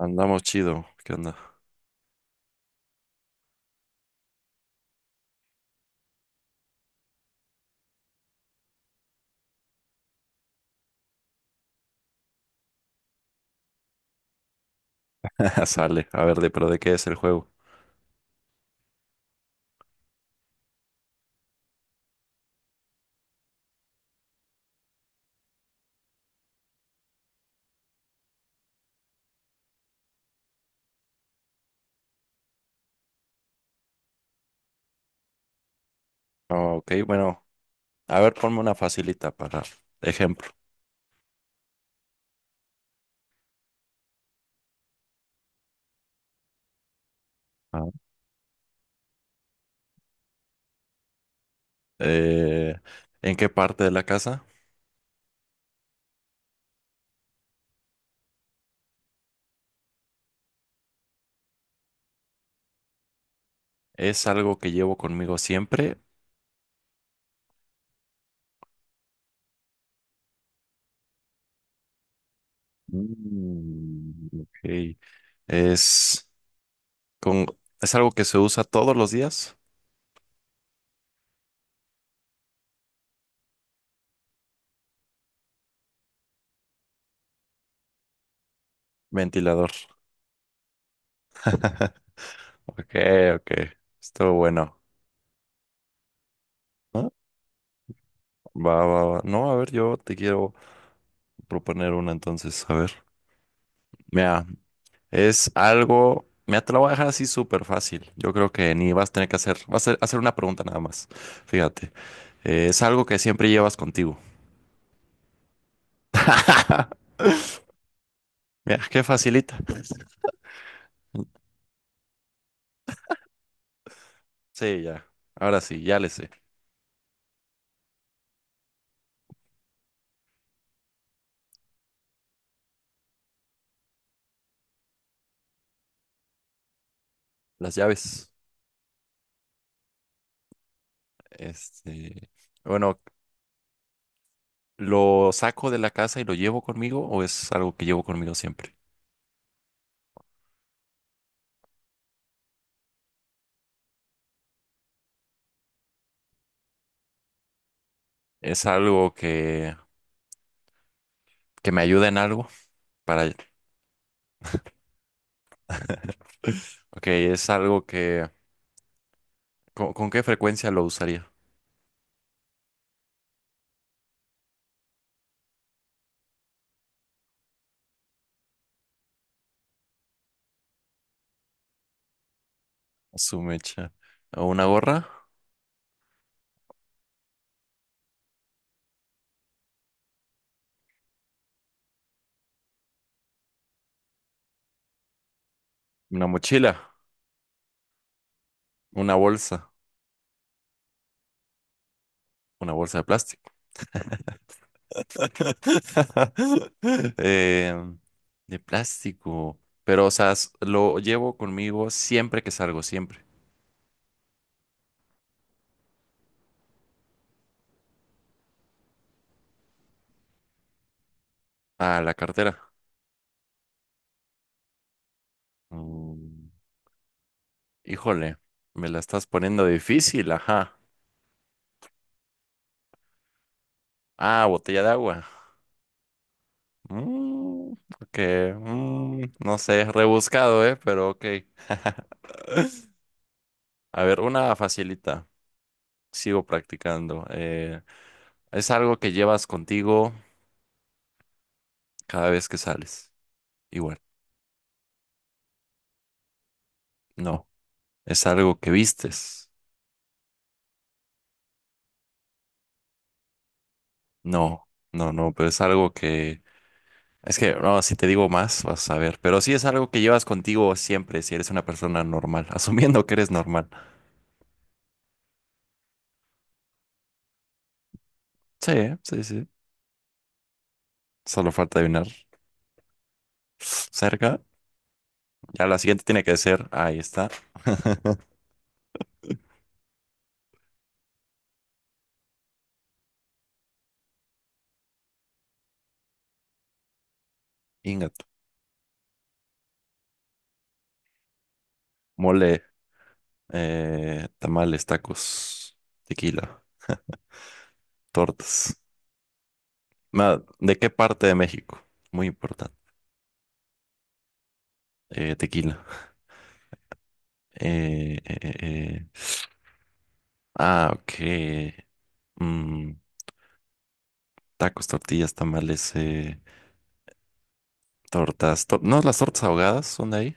Andamos chido. ¿Qué onda? Sale. A ver, pero ¿de qué es el juego? Ok, bueno. A ver, ponme una facilita para ejemplo. Ah. Eh, ¿En qué parte de la casa? ¿Es algo que llevo conmigo siempre? Mm, ok. ¿Es, con, ¿Es algo que se usa todos los días? Ventilador. Ok, ok. Estuvo bueno. ¿Ah? Va, va, va. No, a ver, yo te quiero proponer una entonces. A ver. Mira, es algo, me te lo voy a dejar así súper fácil. Yo creo que ni vas a tener que hacer, vas a hacer una pregunta nada más. Fíjate, es algo que siempre llevas contigo. Mira, qué facilita. Sí, ya. Ahora sí, ya le sé. Las llaves. Este, bueno, ¿lo saco de la casa y lo llevo conmigo o es algo que llevo conmigo siempre? Es algo que me ayuda en algo para... Ok, es algo que... ¿Con qué frecuencia lo usaría? Su mecha. Una gorra, una mochila, una bolsa, una bolsa de plástico. Eh, de plástico. Pero, o sea, s- lo llevo conmigo siempre que salgo, siempre. A la cartera. Mm, híjole, me la estás poniendo difícil, ajá. Ah, botella de agua. Mm, ok, mm, no sé, rebuscado, ¿eh? Pero ok. A ver, una facilita. Sigo practicando. Es algo que llevas contigo cada vez que sales. Igual, no. Es algo que vistes. No, no, no, pero es algo que... Es que, no, si te digo más, vas a ver. Pero sí es algo que llevas contigo siempre si eres una persona normal, asumiendo que eres normal. Sí, sí, sí. Solo falta adivinar. Cerca. Ya la siguiente tiene que ser, ahí está, ingato. Mole, tamales, tacos, tequila, tortas. Ma- ¿De qué parte de México? Muy importante. Tequila. Eh. Ah, ok. Mm, tacos, tortillas, tamales, tortas. To- ¿no las tortas ahogadas son de ahí?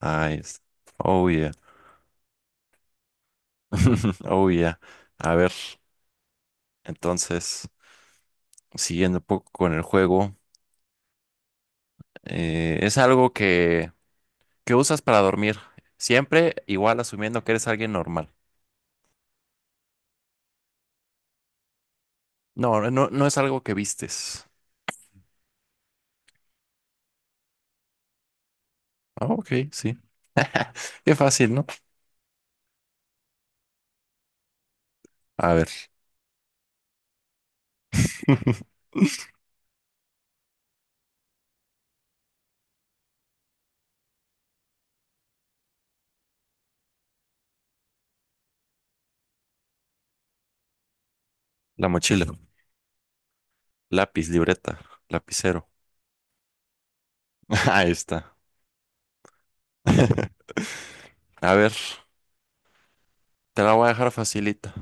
Ah, es. Oh, yeah. Oh, yeah. A ver, entonces, siguiendo un poco con el juego, es algo que usas para dormir. Siempre igual asumiendo que eres alguien normal. No, no, no, es algo que vistes. Ah, ok, sí. Qué fácil, ¿no? A ver, la mochila. Lápiz, libreta, lapicero. Ahí está. A ver, te la voy a dejar facilita.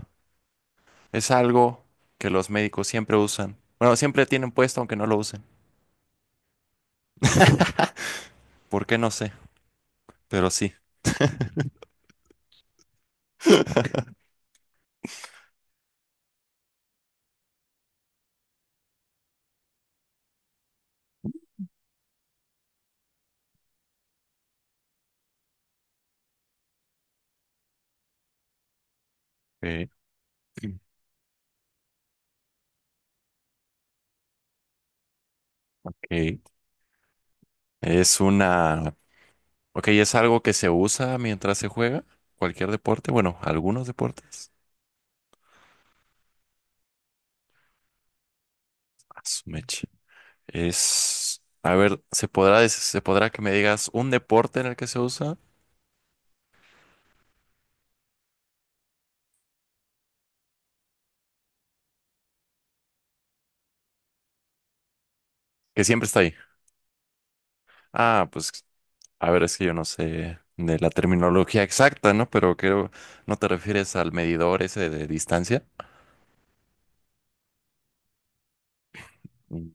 Es algo que los médicos siempre usan. Bueno, siempre tienen puesto aunque no lo usen. ¿Por qué? No sé, pero sí. Ok, ok. Es una... Ok, es algo que se usa mientras se juega cualquier deporte. Bueno, algunos deportes. A su meche. Es... A ver, ¿se podrá, des- se podrá que me digas un deporte en el que se usa? Que siempre está ahí. Ah, pues a ver, es que yo no sé de la terminología exacta, ¿no? Pero creo, ¿no te refieres al medidor ese de distancia? Mm.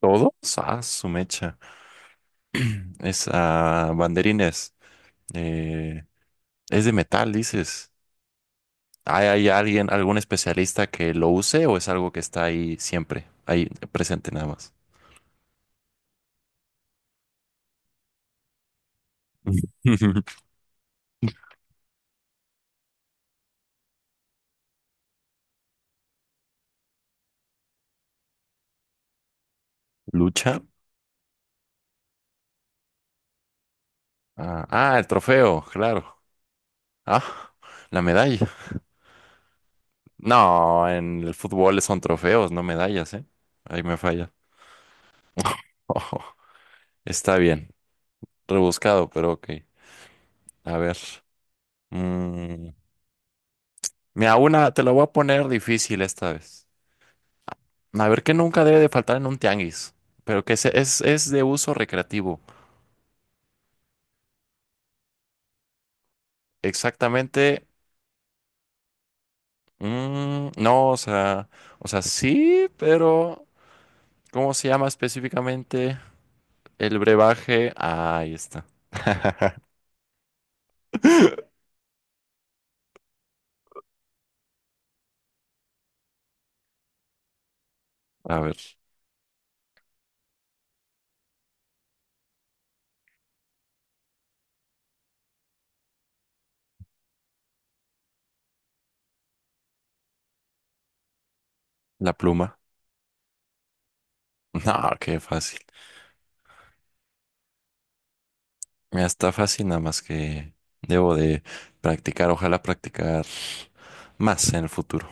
¿Todos? Ah, su mecha. Es a banderines. Eh, es de metal, dices. ¿Hay, algún especialista que lo use o es algo que está ahí siempre, ahí presente nada más? ¿Lucha? Ah, ah, el trofeo, claro. Ah, la medalla. No, en el fútbol son trofeos, no medallas, ¿eh? Ahí me falla. Ojo, está bien. Rebuscado, pero ok. A ver. Mm, mira, una, te la voy a poner difícil esta vez. A ver, que nunca debe de faltar en un tianguis, pero es de uso recreativo. Exactamente. Mm, no, o sea, sí, pero ¿cómo se llama específicamente el brebaje? Ah, ahí está. A ver, la pluma. No, qué fácil. Me está fácil, nada más que debo de practicar, ojalá practicar más en el futuro.